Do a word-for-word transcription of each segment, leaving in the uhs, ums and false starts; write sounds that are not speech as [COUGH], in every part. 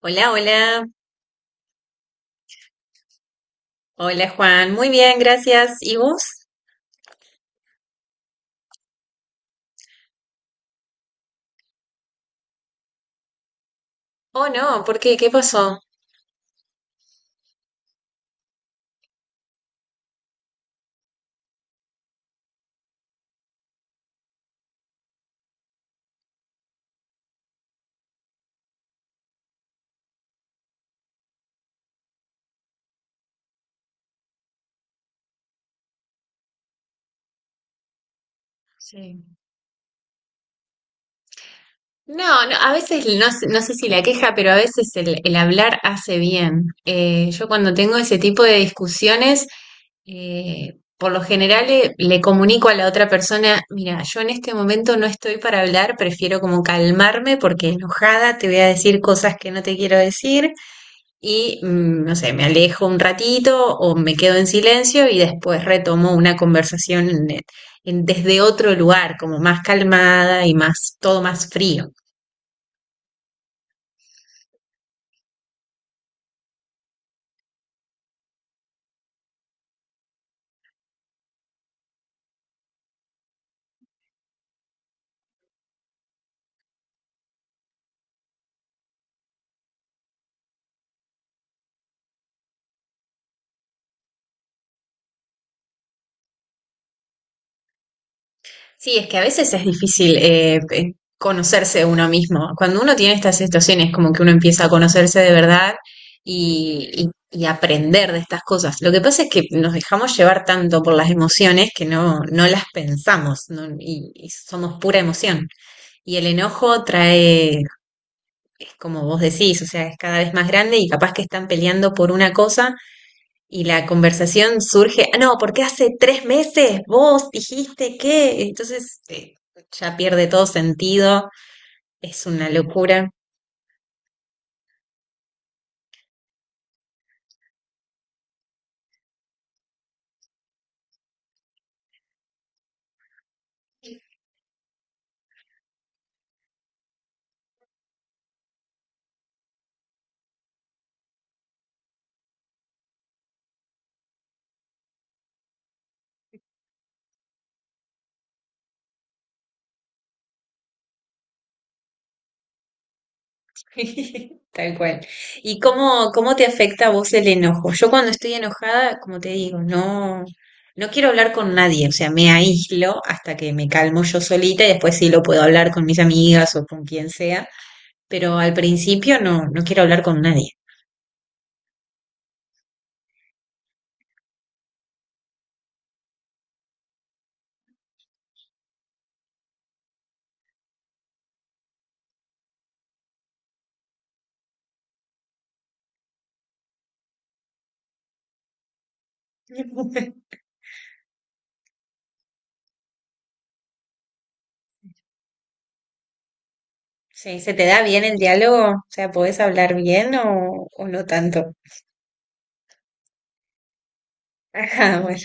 Hola, hola. Hola, Juan. Muy bien, gracias. ¿Y vos? Oh, no, ¿por qué? ¿Qué pasó? Sí. No, no, a veces no, sé- no sé si la queja, pero a veces el, el hablar hace bien. Eh, yo cuando tengo ese tipo de discusiones, eh, por lo general eh, le, comunico a la otra persona, mira, yo en este momento no estoy para hablar, prefiero como calmarme porque enojada te voy a decir cosas que no te quiero decir y, mm, no sé, me alejo un ratito o me quedo en silencio y después retomo una conversación en- en- desde otro lugar, como más calmada y más, todo más frío. Sí, es que a veces es difícil eh, eh, conocerse uno mismo. Cuando uno tiene estas situaciones, como que uno empieza a conocerse de verdad y, y- y aprender de estas cosas. Lo que pasa es que nos dejamos llevar tanto por las emociones que no, no las pensamos, ¿no? y y somos pura emoción. Y el enojo trae es como vos decís, o sea, es cada vez más grande y capaz que están peleando por una cosa y la conversación surge, ah, no, porque hace tres meses vos dijiste que, entonces eh, ya pierde todo sentido, es una locura. [LAUGHS] Tal cual. ¿Y cómo, cómo te afecta a vos el enojo? Yo cuando estoy enojada, como te digo, no, no quiero hablar con nadie, o sea, me aíslo hasta que me calmo yo solita y después sí lo puedo hablar con mis amigas o con quien sea, pero al principio no, no quiero hablar con nadie. [LAUGHS] Sí, ¿se te da bien el diálogo? O sea, ¿podés hablar bien o, o no tanto? [LAUGHS] Ajá, bueno.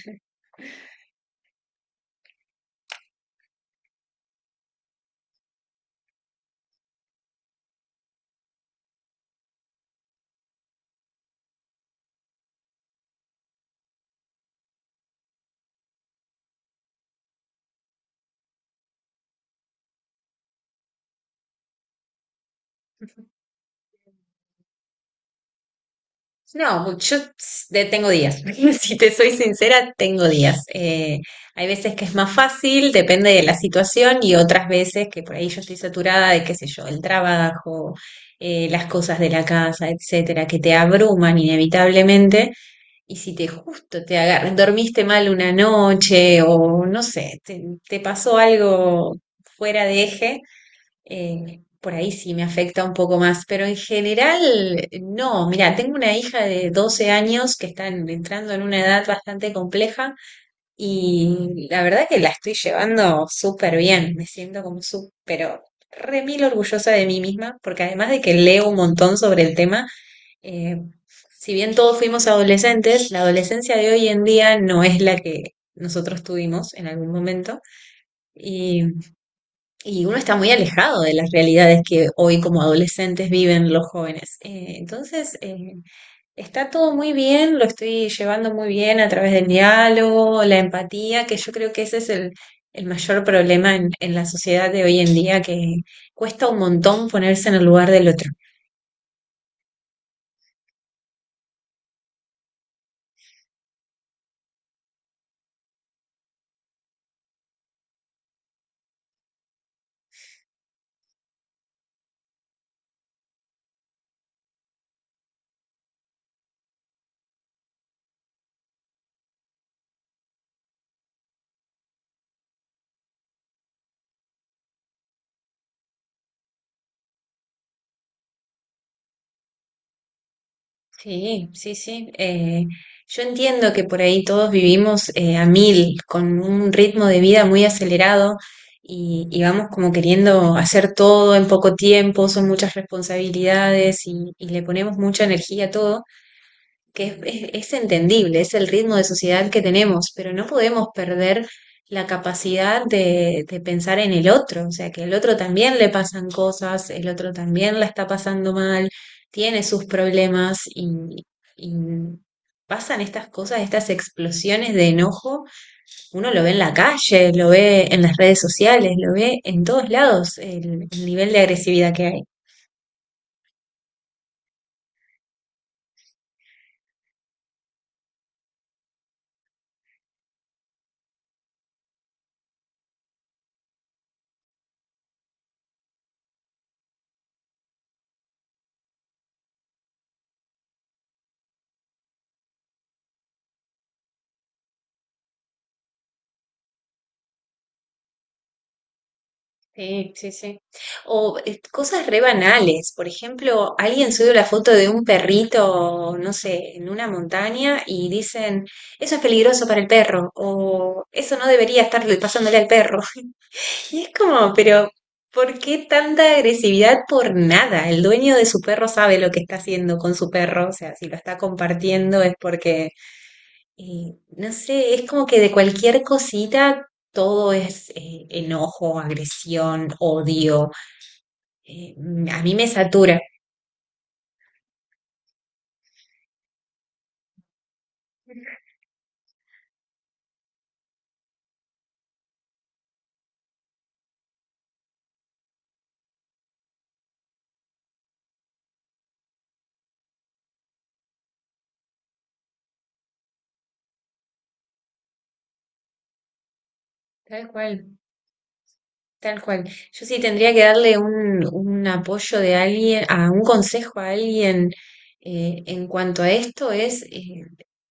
No, yo s- de- tengo días. [LAUGHS] Si te soy sincera, tengo días. Eh, hay veces que es más fácil, depende de la situación, y otras veces que por ahí yo estoy saturada de, qué sé yo, el trabajo, eh, las cosas de la casa, etcétera, que te abruman inevitablemente. Y si te justo te agarras, dormiste mal una noche o no sé, te, te pasó algo fuera de eje, eh, por ahí sí me afecta un poco más, pero en general no. Mira, tengo una hija de doce años que está en- entrando en una edad bastante compleja y la verdad que la estoy llevando súper bien. Me siento como súper, pero re mil orgullosa de mí misma, porque además de que leo un montón sobre el tema, eh, si bien todos fuimos adolescentes, la adolescencia de hoy en día no es la que nosotros tuvimos en algún momento y, y uno está muy alejado de las realidades que hoy como adolescentes viven los jóvenes. Eh, entonces, eh, está todo muy bien, lo estoy llevando muy bien a través del diálogo, la empatía, que yo creo que ese es el, el mayor problema en en la sociedad de hoy en día, que cuesta un montón ponerse en el lugar del otro. Sí, sí, sí. Eh, yo entiendo que por ahí todos vivimos eh, a mil, con un ritmo de vida muy acelerado y, y vamos como queriendo hacer todo en poco tiempo, son muchas responsabilidades y, y le ponemos mucha energía a todo, que es, es- es entendible, es el ritmo de sociedad que tenemos, pero no podemos perder la capacidad de, de pensar en el otro, o sea, que el otro también le pasan cosas, el otro también la está pasando mal, tiene sus problemas y, y pasan estas cosas, estas explosiones de enojo, uno lo ve en la calle, lo ve en las redes sociales, lo ve en todos lados, el el nivel de agresividad que hay. Sí, sí, sí. O eh, cosas re banales. Por ejemplo, alguien sube la foto de un perrito, no sé, en una montaña y dicen, eso es peligroso para el perro o eso no debería estar pasándole al perro. [LAUGHS] Y es como, pero ¿por qué tanta agresividad por nada? El dueño de su perro sabe lo que está haciendo con su perro. O sea, si lo está compartiendo es porque, eh, no sé, es como que de cualquier cosita... Todo es eh, enojo, agresión, odio, eh, a mí me satura. Tal cual, tal cual. Yo, sí tendría que darle un, un apoyo de alguien, a un consejo a alguien eh, en cuanto a esto, es eh,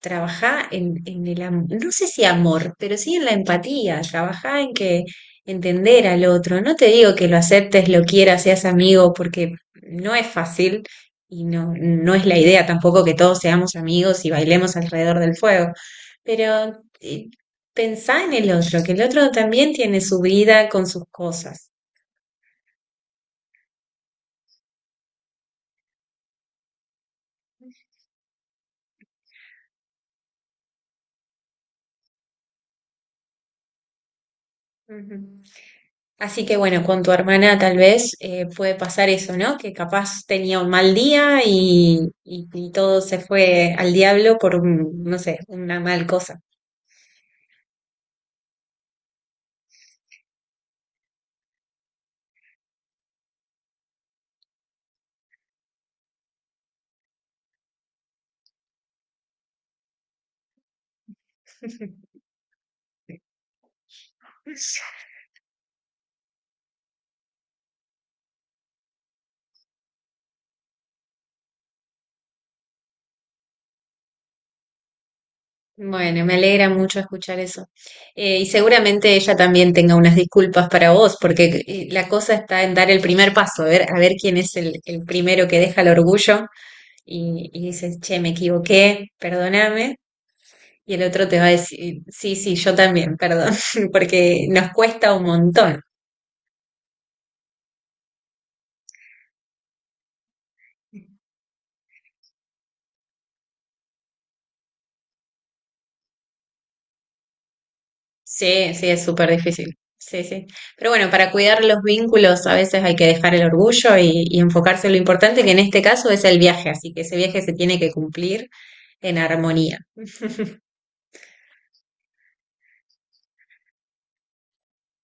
trabajar en, en el amor, no sé si amor, pero sí en la empatía, trabajar en que entender al otro. No te digo que lo aceptes, lo quieras, seas amigo, porque no es fácil y no, no es la idea tampoco que todos seamos amigos y bailemos alrededor del fuego, pero eh, pensá en el otro, que el otro también tiene su vida con sus cosas. Ujú. Así que bueno, con tu hermana tal vez eh, puede pasar eso, ¿no? Que capaz tenía un mal día y, y- y todo se fue al diablo por un, no sé, una mal cosa. [LAUGHS] Bueno, me alegra mucho escuchar eso. Eh, y seguramente ella también tenga unas disculpas para vos, porque eh, la cosa está en dar el primer paso, a ver, a ver quién es el, el primero que deja el orgullo y, y dices, che, me equivoqué, perdóname. Y el otro te va a decir, sí, sí, yo también, perdón, [LAUGHS] porque nos cuesta un montón. Sí, sí, es súper difícil. Sí, sí. Pero bueno, para cuidar los vínculos a veces hay que dejar el orgullo y, y enfocarse en lo importante, que en este caso es el viaje, así que ese viaje se tiene que cumplir en armonía.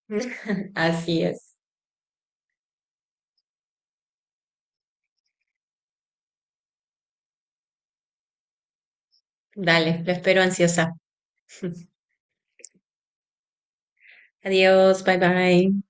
[LAUGHS] Así es. Dale, lo espero ansiosa. [LAUGHS] Adiós, bye bye.